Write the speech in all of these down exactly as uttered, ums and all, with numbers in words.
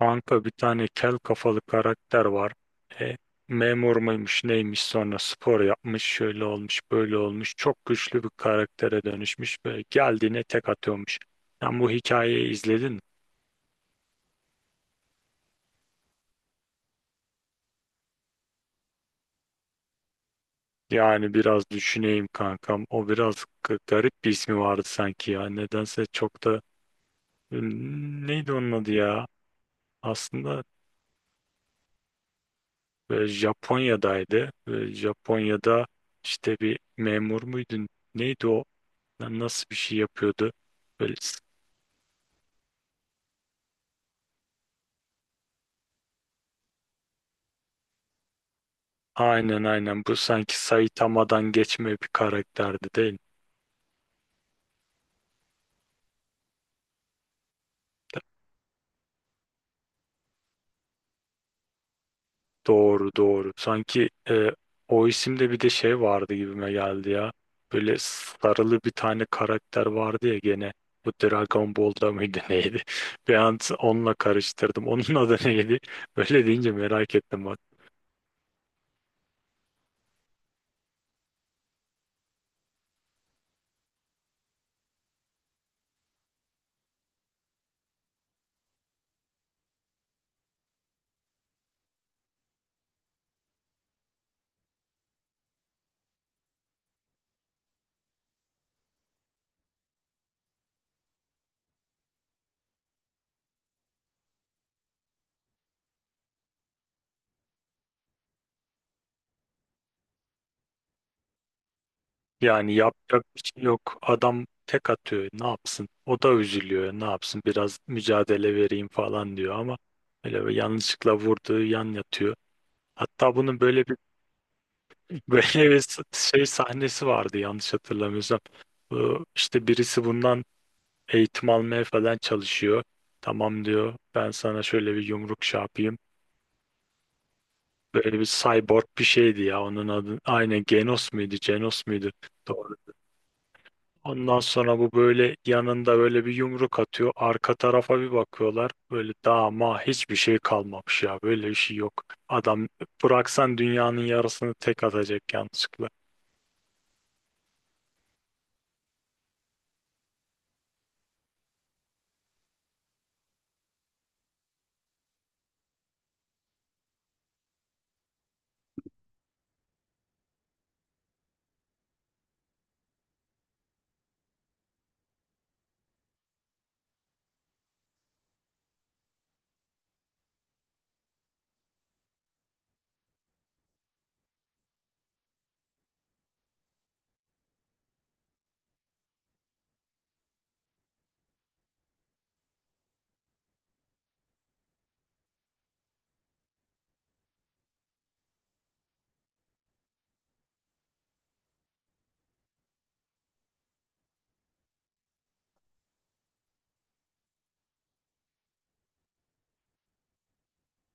Kanka bir tane kel kafalı karakter var. E, Memur muymuş neymiş, sonra spor yapmış, şöyle olmuş böyle olmuş. Çok güçlü bir karaktere dönüşmüş ve geldiğine tek atıyormuş. Sen bu hikayeyi izledin mi? Yani biraz düşüneyim kankam. O biraz g- garip bir ismi vardı sanki ya. Nedense çok da hmm, neydi onun adı ya? Aslında e, Japonya'daydı. E, Japonya'da işte bir memur muydun? Neydi o? Lan nasıl bir şey yapıyordu? Böyle, s- aynen aynen bu sanki Saitama'dan geçme bir karakterdi değil mi? Doğru doğru. Sanki e, o isimde bir de şey vardı gibime geldi ya. Böyle sarılı bir tane karakter vardı ya gene. Bu Dragon Ball'da mıydı neydi? Bir an onunla karıştırdım. Onun adı neydi? Böyle deyince merak ettim. Yani yapacak bir şey yok. Adam tek atıyor. Ne yapsın? O da üzülüyor. Ne yapsın? Biraz mücadele vereyim falan diyor ama öyle bir yanlışlıkla vurduğu yan yatıyor. Hatta bunun böyle bir böyle bir şey sahnesi vardı yanlış hatırlamıyorsam. Bu, işte birisi bundan eğitim almaya falan çalışıyor. Tamam diyor. Ben sana şöyle bir yumruk şey yapayım. Böyle bir cyborg bir şeydi ya onun adı. Aynen, Genos muydu? Genos muydu? Doğru. Ondan sonra bu böyle yanında böyle bir yumruk atıyor. Arka tarafa bir bakıyorlar. Böyle dama hiçbir şey kalmamış ya. Böyle bir şey yok. Adam bıraksan dünyanın yarısını tek atacak yanlışlıkla.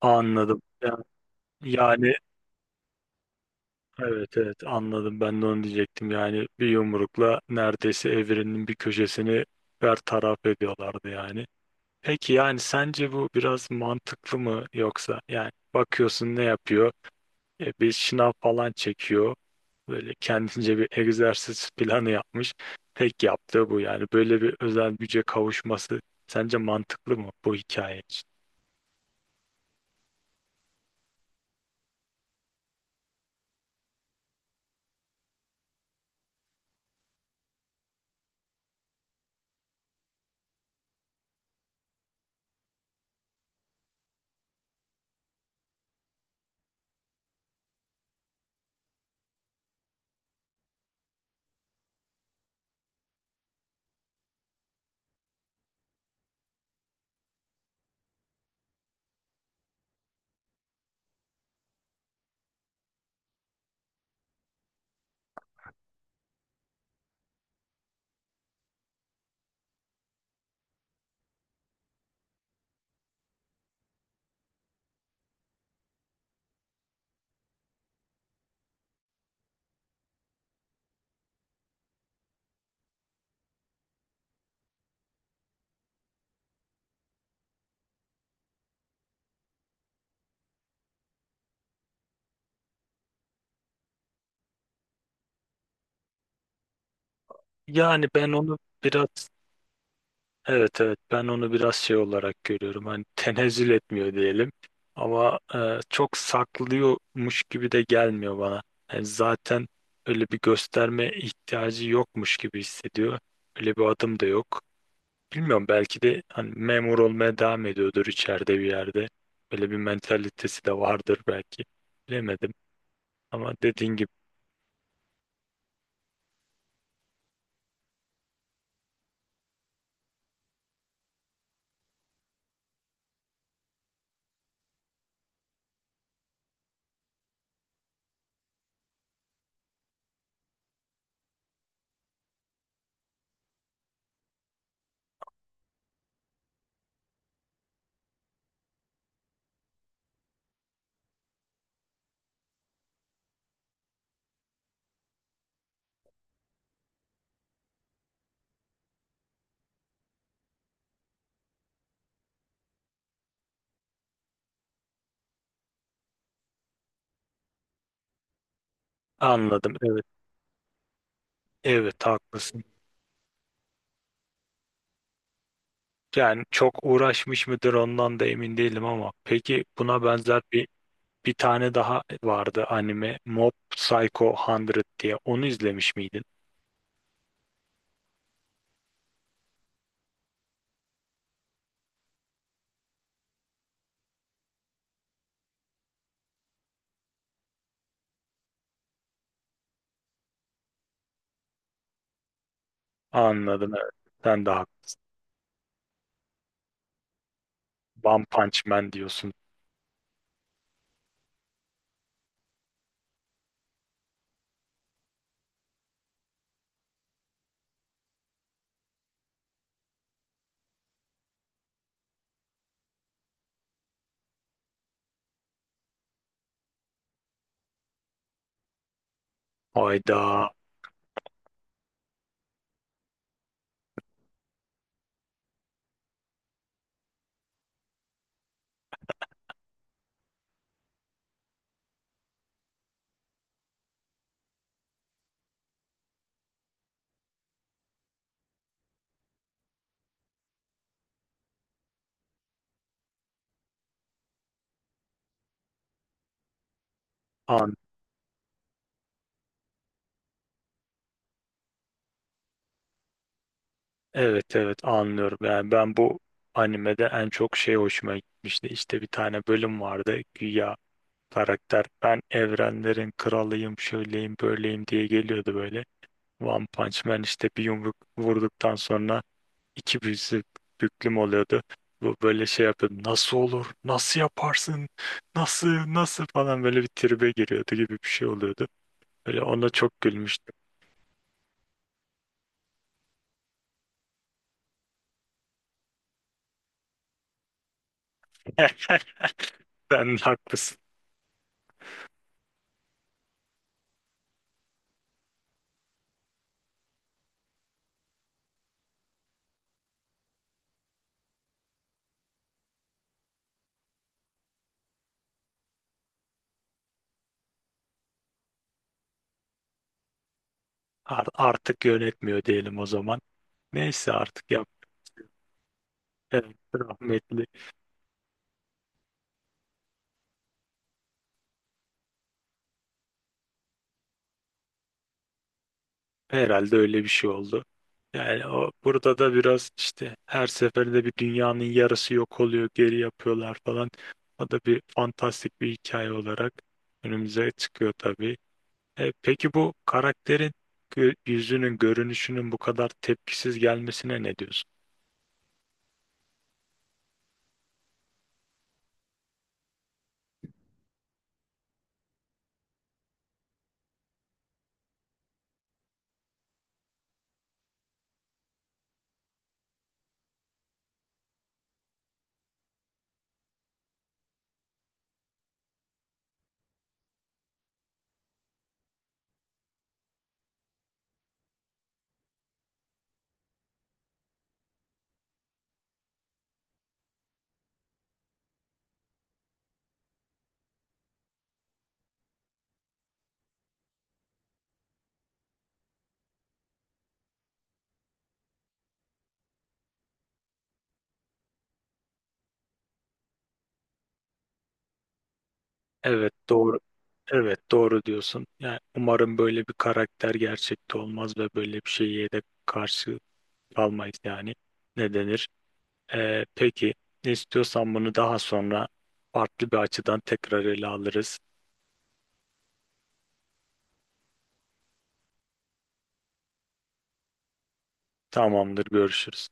Anladım. Ya- Yani, evet evet anladım. Ben de onu diyecektim. Yani bir yumrukla neredeyse evrenin bir köşesini bertaraf ediyorlardı yani. Peki yani sence bu biraz mantıklı mı, yoksa yani bakıyorsun ne yapıyor? E, bir şınav falan çekiyor. Böyle kendince bir egzersiz planı yapmış. Tek yaptığı bu yani. Böyle bir özel güce kavuşması sence mantıklı mı bu hikaye için? Yani ben onu biraz, evet evet ben onu biraz şey olarak görüyorum. Hani tenezzül etmiyor diyelim. Ama e, çok saklıyormuş gibi de gelmiyor bana. Yani zaten öyle bir gösterme ihtiyacı yokmuş gibi hissediyor. Öyle bir adım da yok. Bilmiyorum, belki de hani memur olmaya devam ediyordur içeride bir yerde. Böyle bir mentalitesi de vardır belki. Bilemedim ama dediğin gibi anladım. Evet, evet haklısın. Yani çok uğraşmış mıdır ondan da emin değilim ama peki buna benzer bir bir tane daha vardı anime, Mob Psycho yüz diye. Onu izlemiş miydin? Anladım evet. Sen de haklısın. One Punch Man diyorsun. Hayda. Evet evet anlıyorum. Yani ben bu animede en çok şey hoşuma gitmişti. İşte bir tane bölüm vardı. Güya karakter ben evrenlerin kralıyım, şöyleyim, böyleyim diye geliyordu böyle. One Punch Man işte bir yumruk vurduktan sonra iki büyüsü büklüm oluyordu. Bu böyle şey yapıyordu. Nasıl olur? Nasıl yaparsın? Nasıl? Nasıl falan böyle bir tribe giriyordu gibi bir şey oluyordu. Böyle ona çok gülmüştüm. Sen haklısın. Ar- artık yönetmiyor diyelim o zaman. Neyse artık yap. Evet, rahmetli. Herhalde öyle bir şey oldu. Yani o, burada da biraz işte her seferinde bir dünyanın yarısı yok oluyor, geri yapıyorlar falan. O da bir fantastik bir hikaye olarak önümüze çıkıyor tabii. E, peki bu karakterin gö- yüzünün, görünüşünün bu kadar tepkisiz gelmesine ne diyorsun? Evet, doğru. Evet doğru diyorsun. Yani umarım böyle bir karakter gerçekte olmaz ve böyle bir şeye de karşı kalmayız yani. Ne denir? Ee, peki ne istiyorsan bunu daha sonra farklı bir açıdan tekrar ele alırız. Tamamdır görüşürüz.